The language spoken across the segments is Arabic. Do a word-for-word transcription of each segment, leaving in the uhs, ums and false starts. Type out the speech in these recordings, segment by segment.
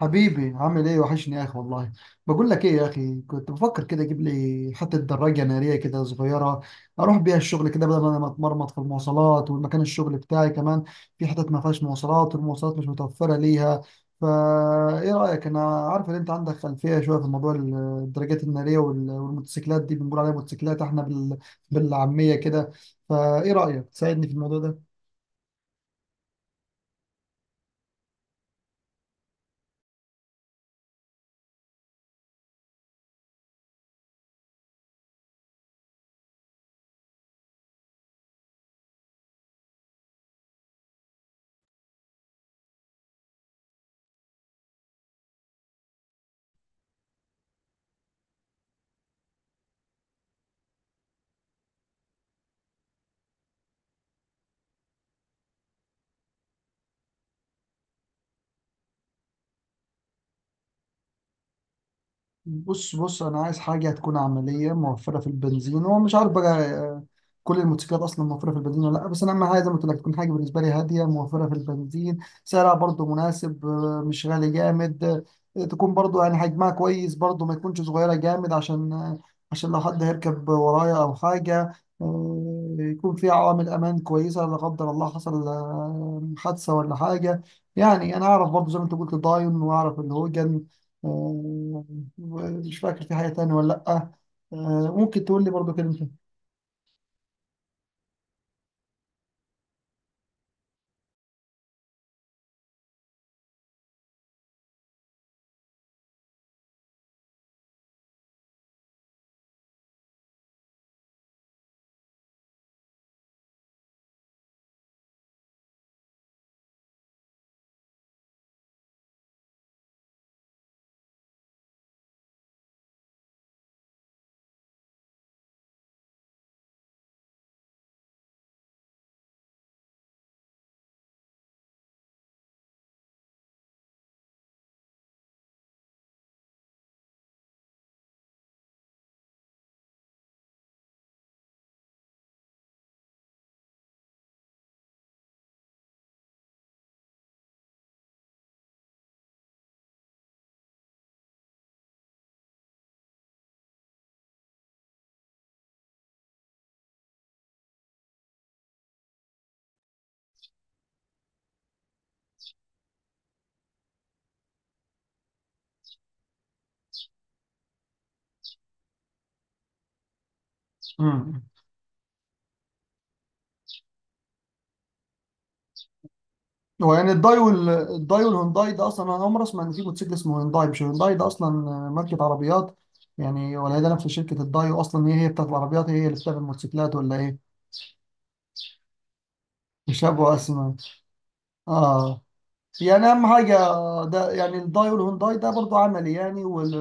حبيبي عامل ايه؟ وحشني يا اخي والله. بقول لك ايه يا اخي، كنت بفكر كده اجيب لي حته دراجه ناريه كده صغيره اروح بيها الشغل، كده بدل ما انا اتمرمط في المواصلات، والمكان الشغل بتاعي كمان في حتت ما فيهاش مواصلات، والمواصلات مش متوفره ليها. فا ايه رايك؟ انا عارف ان انت عندك خلفيه شويه في موضوع ال- الدراجات الناريه وال- والموتوسيكلات دي، بنقول عليها موتوسيكلات احنا بال... بالعاميه كده. فايه رايك تساعدني في الموضوع ده؟ بص بص انا عايز حاجه تكون عمليه، موفره في البنزين. هو مش عارف بقى، آه، كل الموتوسيكلات اصلا موفره في البنزين ولا لا، بس انا اهم حاجه زي ما قلت لك تكون حاجه بالنسبه لي هاديه موفره في البنزين. سعرها برضو مناسب، آه، مش غالي جامد. آه، تكون برضو يعني حجمها كويس برضو، ما تكونش صغيره جامد، عشان آه، عشان لو حد هيركب ورايا او حاجه. آه، يكون فيها عوامل امان كويسه، لا قدر الله حصل آه، حادثه ولا حاجه. يعني انا اعرف برضو زي ما انت قلت داين، واعرف الهوجن. آه، مش فاكر في حاجة تانية ولا لأ. آه، ممكن تقول لي برضو كلمتين. امم، هو يعني الداي وال... الداي والهونداي ده أصلا، أنا أول مرة أسمع إن في موتوسيكل اسمه هونداي. مش هونداي ده أصلا آه، ماركة عربيات؟ يعني، ولا هي ده نفس شركة الداي؟ وأصلا هي هي بتاعت العربيات، هي هي اللي بتعمل الموتوسيكلات ولا إيه؟ مش أبو أسماء. آه يعني اهم حاجه، ده يعني الداي والهونداي ده برضو عملي يعني، وال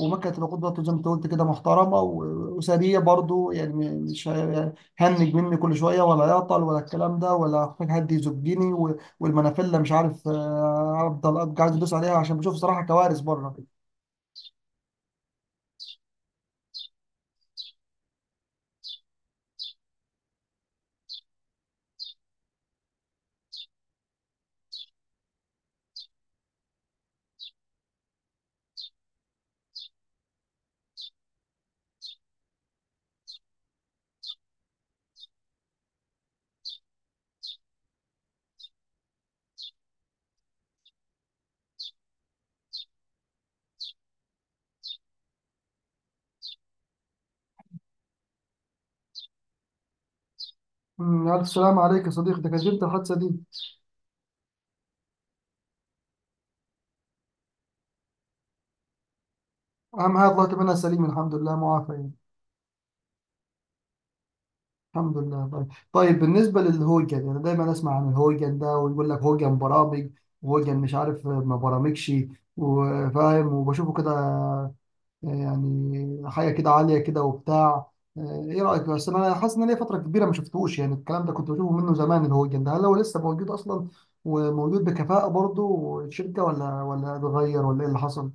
ومكنة الوقود برضه زي ما انت قلت كده محترمة، و- وسريع برضه يعني، م- مش هي- يعني هنج مني كل شوية ولا يعطل ولا الكلام ده، ولا هحتاج حد يزجني، و- والمنافلة مش عارف. آه، أفضل أبقى عايز أدوس عليها عشان بشوف صراحة كوارث بره. أمم، ألف سلام عليك يا صديقي. ده كانت امتى الحادثة دي؟ أهم حاجة طلعت منها سليم، الحمد لله معافى يعني. الحمد لله، طيب. طيب بالنسبة للهوجن، أنا دايما أسمع عن الهوجن ده، ويقول لك هوجن برامج، هوجن مش عارف ما برامجش. وفاهم وبشوفه كده، يعني حاجة كده عالية كده وبتاع. إيه رأيك؟ بس أنا حاسس إن أنا ليا فترة كبيرة ما شفتهوش، يعني الكلام ده كنت بشوفه منه زمان. الهوجن ده هل هو لسه موجود أصلا وموجود بكفاءة برضه الشركة، ولا ولا اتغير ولا إيه اللي حصل؟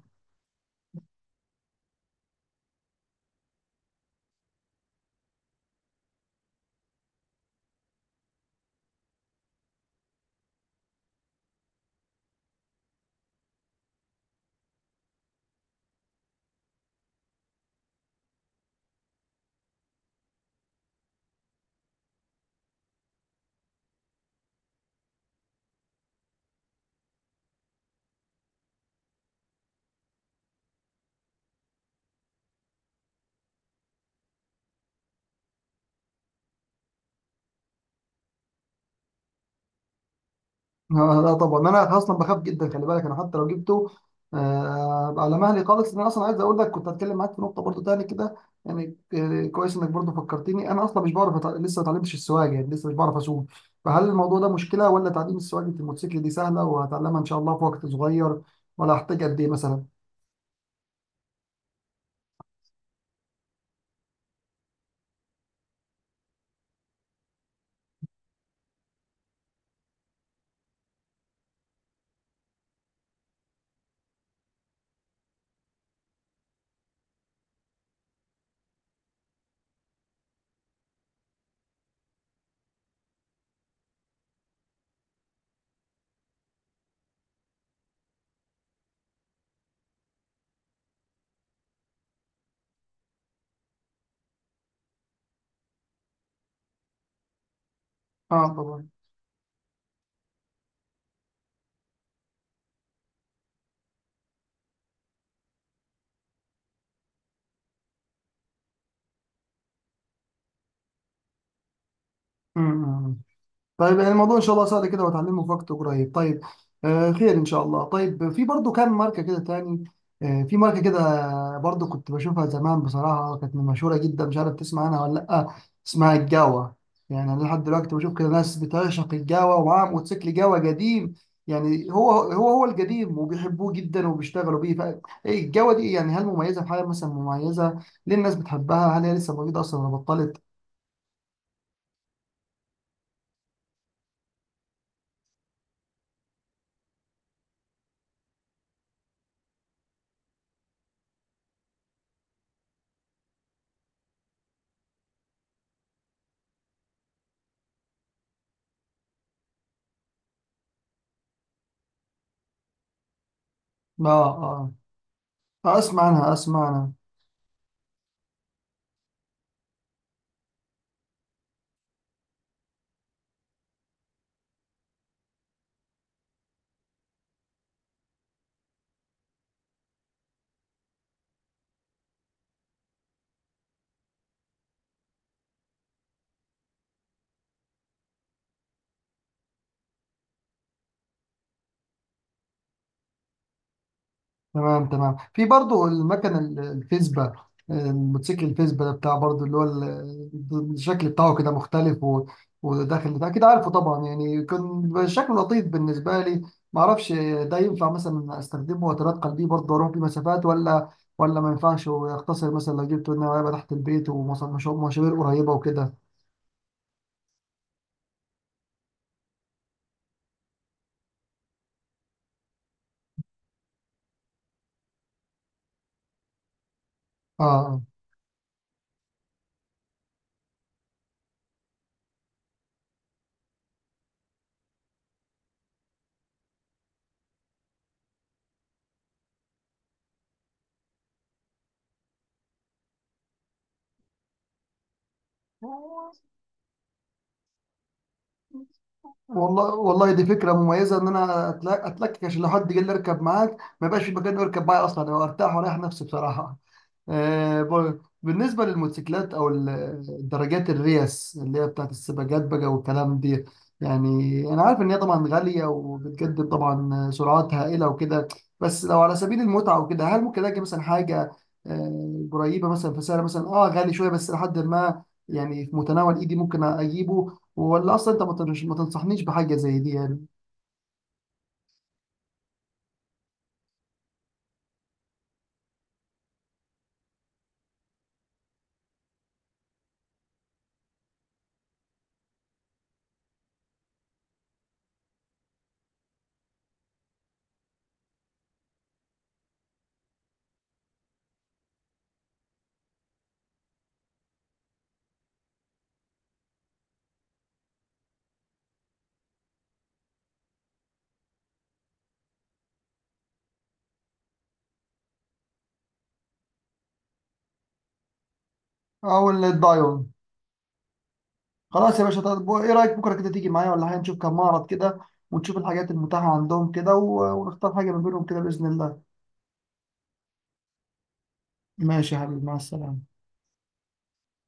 آه، لا طبعا انا اصلا بخاف جدا، خلي بالك انا حتى لو جبته آه، ابقى على مهلي خالص. انا اصلا عايز اقول لك كنت هتكلم معاك في نقطه برضو تاني كده، يعني آه، كويس انك برضو فكرتني. انا اصلا مش بعرف أتع- لسه ما اتعلمتش السواقه، يعني لسه مش بعرف اسوق. فهل الموضوع ده مشكله؟ ولا تعليم السواقه الموتوسيكل دي سهله وهتعلمها ان شاء الله في وقت صغير؟ ولا هحتاج قد ايه مثلا؟ اه طبعا. طيب يعني الموضوع ان شاء الله سهل كده وهتعلمه في وقت قريب، طيب. آه خير ان شاء الله. طيب في برضو كام ماركه كده تاني؟ آه في ماركه كده برضو كنت بشوفها زمان، بصراحه كانت مشهوره جدا، مش عارف تسمع عنها ولا لا، اسمها الجاوا. يعني انا لحد دلوقتي بشوف كده ناس بتعشق الجاوا ومعاها موتوسيكل جاوا قديم، يعني هو هو هو القديم وبيحبوه جدا وبيشتغلوا بيه. فالجاوا دي يعني هل مميزه في حاجه مثلا؟ مميزه ليه الناس بتحبها؟ هل هي لسه موجوده اصلا ولا بطلت؟ اه. اه اسمع عنها اسمع عنها تمام تمام. في برضو المكنة ال- الفيسبا، الموتوسيكل الفيسبا ده بتاع برضو، اللي هو ال- الشكل بتاعه كده مختلف، و- وداخل بتاع كده، عارفه طبعا يعني، كان شكله لطيف بالنسبة لي. ما اعرفش، ده ينفع مثلا استخدمه واتنقل بيه برضه اروح بيه مسافات، ولا ولا ما ينفعش؟ ويختصر مثلا لو جبته، ان هو يبقى تحت البيت ومشاوير قريبة وكده. اه. آه. والله والله دي فكرة مميزة، إن أنا أتل- أتلكك، عشان لو حد جه لي يركب معاك ما يبقاش في مكان يركب معايا أصلا، أو أرتاح وأريح نفسي بصراحة. آه، ب- بالنسبة للموتوسيكلات أو ال- الدراجات الريس اللي هي بتاعت السباقات بقى والكلام دي، يعني أنا عارف إن هي طبعا غالية وبتقدم طبعا سرعات هائلة وكده، بس لو على سبيل المتعة وكده، هل ممكن ألاقي مثلا حاجة آه، قريبة مثلا في سعر مثلا، أه غالي شوية بس لحد ما يعني في متناول إيدي ممكن أجيبه؟ ولا اصلا انت ما تنش- ما تنصحنيش بحاجه زي دي يعني؟ او الدايون. خلاص يا باشا. طب ايه رايك بكره كده تيجي معايا ولا حاجه، نشوف كم معرض كده ونشوف الحاجات المتاحه عندهم كده، و- ونختار حاجه ما بينهم كده باذن الله. ماشي يا حبيبي، مع السلامه.